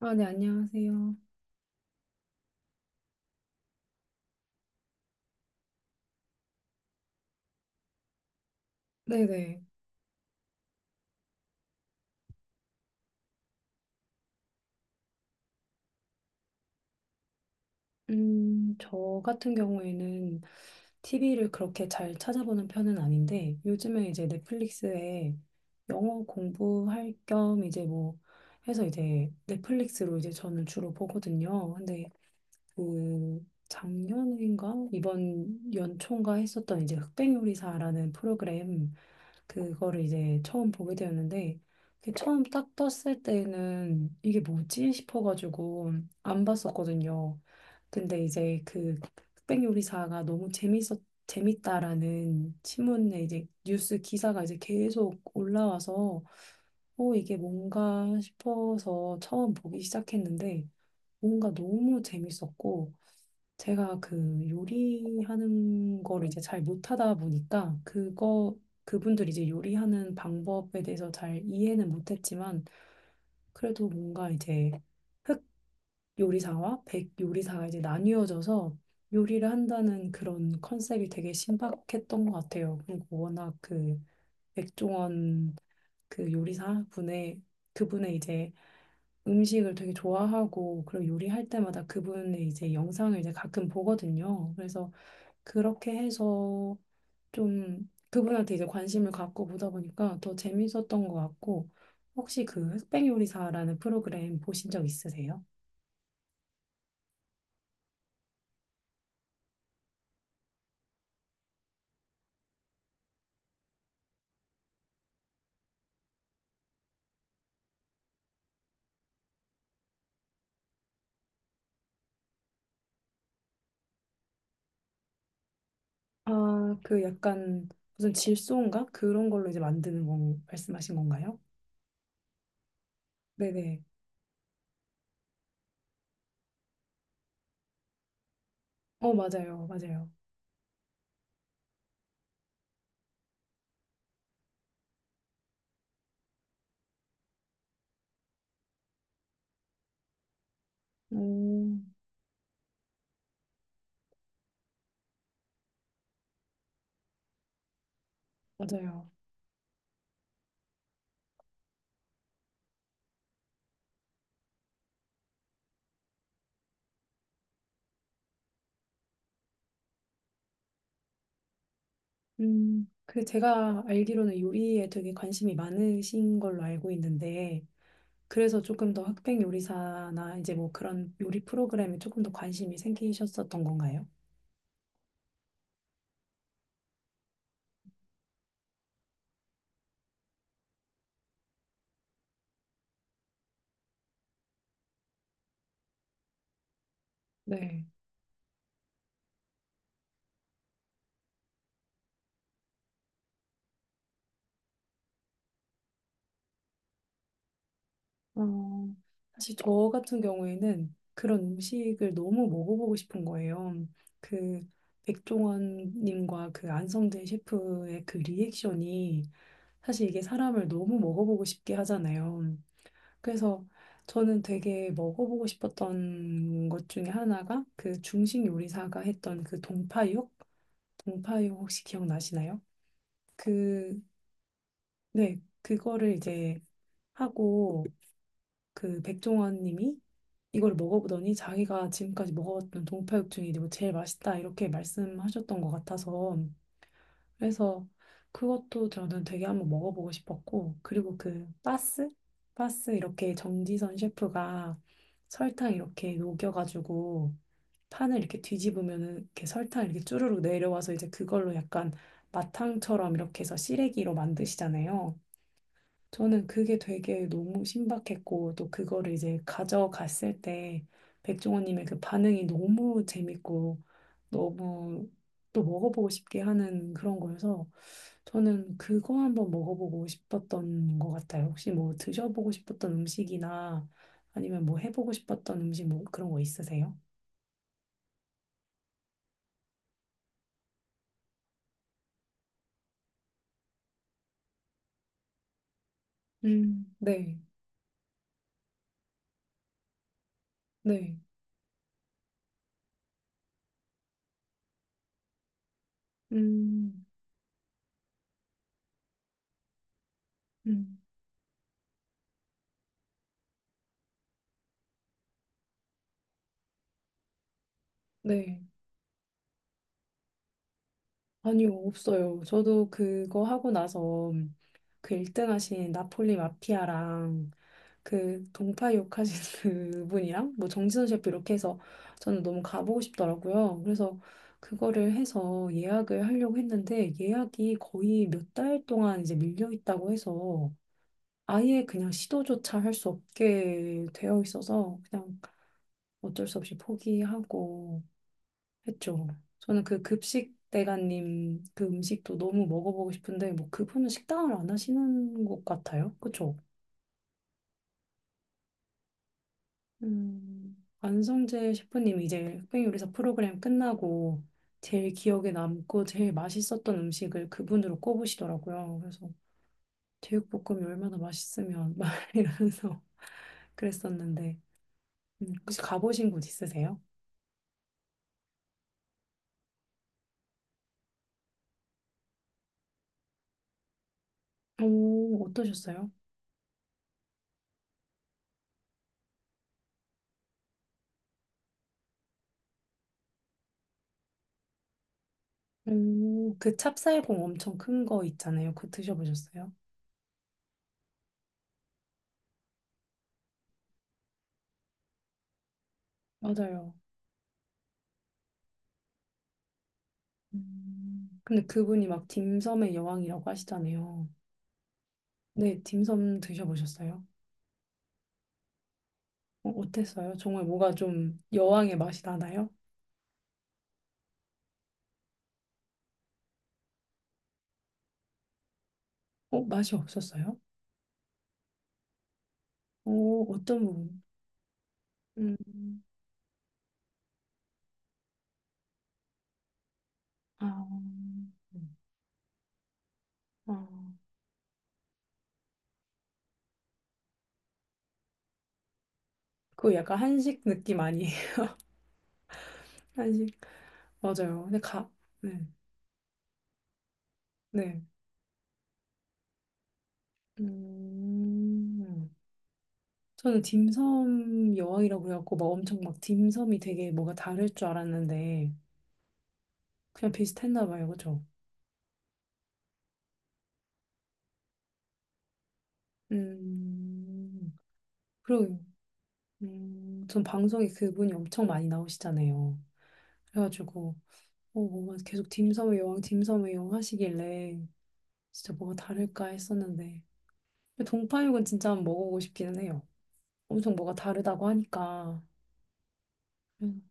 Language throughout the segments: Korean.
아, 네, 안녕하세요. 네네. 저 같은 경우에는 TV를 그렇게 잘 찾아보는 편은 아닌데, 요즘에 이제 넷플릭스에 영어 공부할 겸 이제 뭐 해서 이제 넷플릭스로 이제 저는 주로 보거든요. 근데 그 작년인가? 이번 연초인가 했었던 이제 흑백요리사라는 프로그램 그거를 이제 처음 보게 되었는데 그 처음 딱 떴을 때는 이게 뭐지 싶어가지고 안 봤었거든요. 근데 이제 그 흑백요리사가 너무 재밌었 재밌다라는 신문에 이제 뉴스 기사가 이제 계속 올라와서 어 이게 뭔가 싶어서 처음 보기 시작했는데 뭔가 너무 재밌었고 제가 그 요리하는 걸 이제 잘 못하다 보니까 그거 그분들 이제 요리하는 방법에 대해서 잘 이해는 못했지만 그래도 뭔가 이제 흑 요리사와 백 요리사가 이제 나뉘어져서 요리를 한다는 그런 컨셉이 되게 신박했던 것 같아요. 그리고 워낙 그 백종원 그 요리사 분의 그분의 이제 음식을 되게 좋아하고 그리고 요리할 때마다 그분의 이제 영상을 이제 가끔 보거든요. 그래서 그렇게 해서 좀 그분한테 이제 관심을 갖고 보다 보니까 더 재밌었던 것 같고 혹시 그 흑백 요리사라는 프로그램 보신 적 있으세요? 아, 그 약간 무슨 질소인가? 그런 걸로 이제 만드는 건 말씀하신 건가요? 네네. 어, 맞아요. 맞아요. 오 맞아요. 그 제가 알기로는 요리에 되게 관심이 많으신 걸로 알고 있는데, 그래서 조금 더 흑백 요리사나 이제 뭐 그런 요리 프로그램에 조금 더 관심이 생기셨었던 건가요? 네. 어, 사실 저 같은 경우에는 그런 음식을 너무 먹어보고 싶은 거예요. 그 백종원님과 그 안성대 셰프의 그 리액션이 사실 이게 사람을 너무 먹어보고 싶게 하잖아요. 그래서 저는 되게 먹어보고 싶었던 것 중에 하나가 그 중식 요리사가 했던 그 동파육? 동파육 혹시 기억나시나요? 그, 네, 그거를 이제 하고 그 백종원 님이 이걸 먹어보더니 자기가 지금까지 먹어봤던 동파육 중에 이거 제일 맛있다 이렇게 말씀하셨던 것 같아서 그래서 그것도 저는 되게 한번 먹어보고 싶었고, 그리고 그 바스? 바스 이렇게 정지선 셰프가 설탕 이렇게 녹여가지고 판을 이렇게 뒤집으면은 이렇게 설탕 이렇게 쭈르륵 내려와서 이제 그걸로 약간 마탕처럼 이렇게 해서 시래기로 만드시잖아요. 저는 그게 되게 너무 신박했고, 또 그거를 이제 가져갔을 때, 백종원님의 그 반응이 너무 재밌고, 너무 또 먹어보고 싶게 하는 그런 거여서, 저는 그거 한번 먹어보고 싶었던 것 같아요. 혹시 뭐 드셔보고 싶었던 음식이나 아니면 뭐 해보고 싶었던 음식 뭐 그런 거 있으세요? 네, 네, 음, 음, 네. 아니요, 없어요. 저도 그거 하고 나서 그 1등 하신 나폴리 마피아랑 그 동파 욕하신 그분이랑 뭐 정진호 셰프 이렇게 해서 저는 너무 가보고 싶더라고요. 그래서 그거를 해서 예약을 하려고 했는데 예약이 거의 몇 달 동안 이제 밀려 있다고 해서 아예 그냥 시도조차 할 수 없게 되어 있어서 그냥 어쩔 수 없이 포기하고 했죠. 저는 그 급식 대가님 그 음식도 너무 먹어보고 싶은데 뭐 그분은 식당을 안 하시는 것 같아요. 그쵸? 안성재 셰프님 이제 흑백 요리사 프로그램 끝나고 제일 기억에 남고 제일 맛있었던 음식을 그분으로 꼽으시더라고요. 그래서 제육볶음이 얼마나 맛있으면 막 이러면서 그랬었는데 혹시 가보신 곳 있으세요? 오, 어떠셨어요? 오, 그 찹쌀공 엄청 큰 거 있잖아요. 그거 드셔보셨어요? 맞아요. 음. 근데 그분이 막 딤섬의 여왕이라고 하시잖아요. 네, 딤섬 드셔보셨어요? 어, 어땠어요? 정말 뭐가 좀 여왕의 맛이 나나요? 어, 맛이 없었어요? 어, 어떤 부분? 음, 아, 음. 아, 그거 약간 한식 느낌 아니에요? 한식. 맞아요. 근데 네, 네. 음, 저는 딤섬 여왕이라고 해갖고 막 엄청 막 딤섬이 되게 뭐가 다를 줄 알았는데 그냥 비슷했나 봐요. 그쵸? 음, 그러게요. 전 방송에 그분이 엄청 많이 나오시잖아요. 그래가지고, 어, 뭔가 계속 딤섬의 여왕, 딤섬의 여왕 하시길래, 진짜 뭐가 다를까 했었는데. 근데 동파육은 진짜 한번 먹어보고 싶기는 해요. 엄청 뭐가 다르다고 하니까. 음,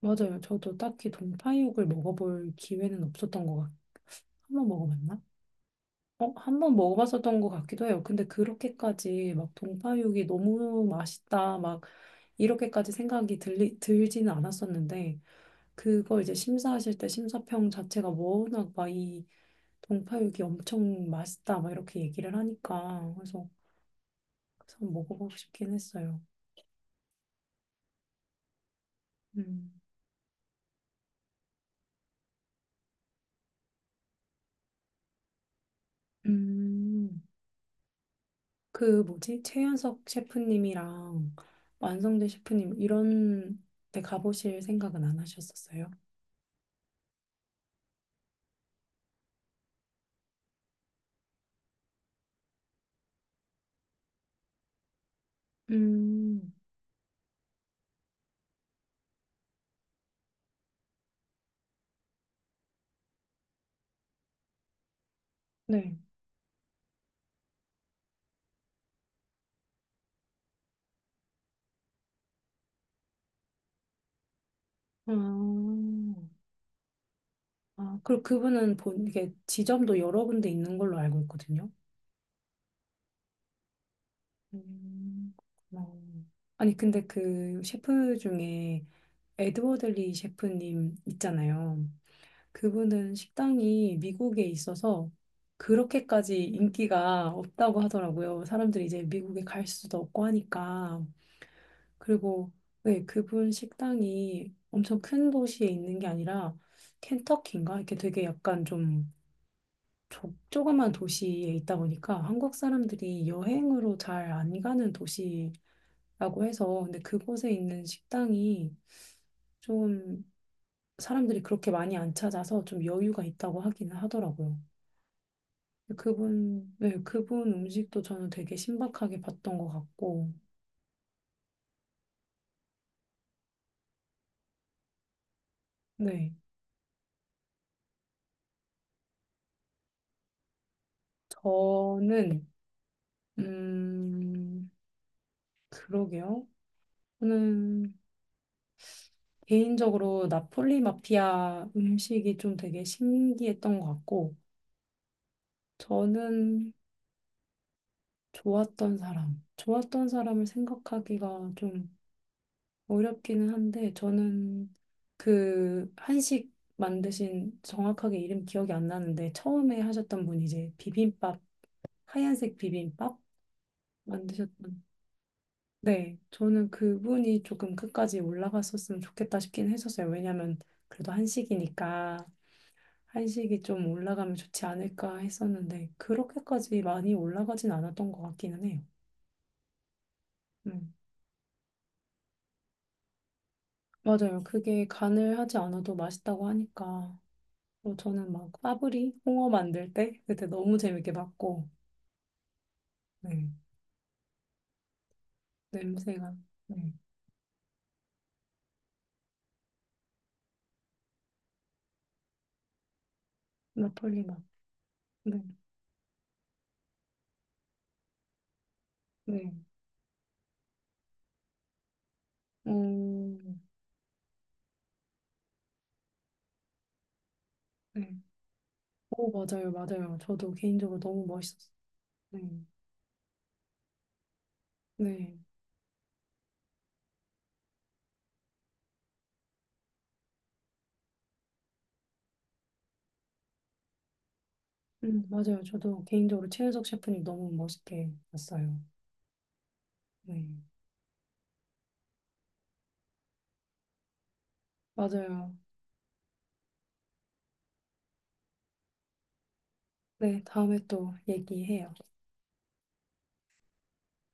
맞아요. 저도 딱히 동파육을 먹어볼 기회는 없었던 것 같아요. 한번 먹어봤나? 어, 한번 먹어봤었던 것 같기도 해요. 근데 그렇게까지 막 동파육이 너무 맛있다, 막 이렇게까지 생각이 들지는 않았었는데 그걸 이제 심사하실 때 심사평 자체가 뭐 워낙 막이 동파육이 엄청 맛있다 막 이렇게 얘기를 하니까 그래서 한번 먹어보고 싶긴 했어요. 음. 음. 그 뭐지? 최현석 셰프님이랑 완성대 셰프님 이런 데 가보실 생각은 안 하셨었어요? 음. 네. 아, 아, 그리고 그분은 본 이게 지점도 여러 군데 있는 걸로 알고 있거든요. 음, 그렇구나. 아니, 근데 그 셰프 중에 에드워드 리 셰프님 있잖아요. 그분은 식당이 미국에 있어서 그렇게까지 인기가 없다고 하더라고요. 사람들이 이제 미국에 갈 수도 없고 하니까. 그리고 네, 그분 식당이 엄청 큰 도시에 있는 게 아니라 켄터키인가? 이렇게 되게 약간 좀 조그만 도시에 있다 보니까 한국 사람들이 여행으로 잘 안 가는 도시 라고 해서 근데 그곳에 있는 식당이 좀 사람들이 그렇게 많이 안 찾아서 좀 여유가 있다고 하기는 하더라고요. 그분, 네, 그분 음식도 저는 되게 신박하게 봤던 것 같고, 네. 저는, 음, 그러게요. 저는 개인적으로 나폴리 마피아 음식이 좀 되게 신기했던 것 같고, 저는 좋았던 사람, 좋았던 사람을 생각하기가 좀 어렵기는 한데 저는 그 한식 만드신 정확하게 이름 기억이 안 나는데 처음에 하셨던 분이 이제 비빔밥 하얀색 비빔밥 만드셨던 네 저는 그분이 조금 끝까지 올라갔었으면 좋겠다 싶긴 했었어요 왜냐면 그래도 한식이니까 한식이 좀 올라가면 좋지 않을까 했었는데 그렇게까지 많이 올라가진 않았던 것 같기는 해요 음 맞아요 그게 간을 하지 않아도 맛있다고 하니까 뭐 저는 막 파브리 홍어 만들 때 그때 너무 재밌게 봤고 네 냄새가 네 나폴리 맛네네 음, 네. 오 맞아요 맞아요 저도 개인적으로 너무 멋있었어요 네 네. 맞아요 저도 개인적으로 최윤석 셰프님 너무 멋있게 봤어요 네 맞아요 네 다음에 또 얘기해요.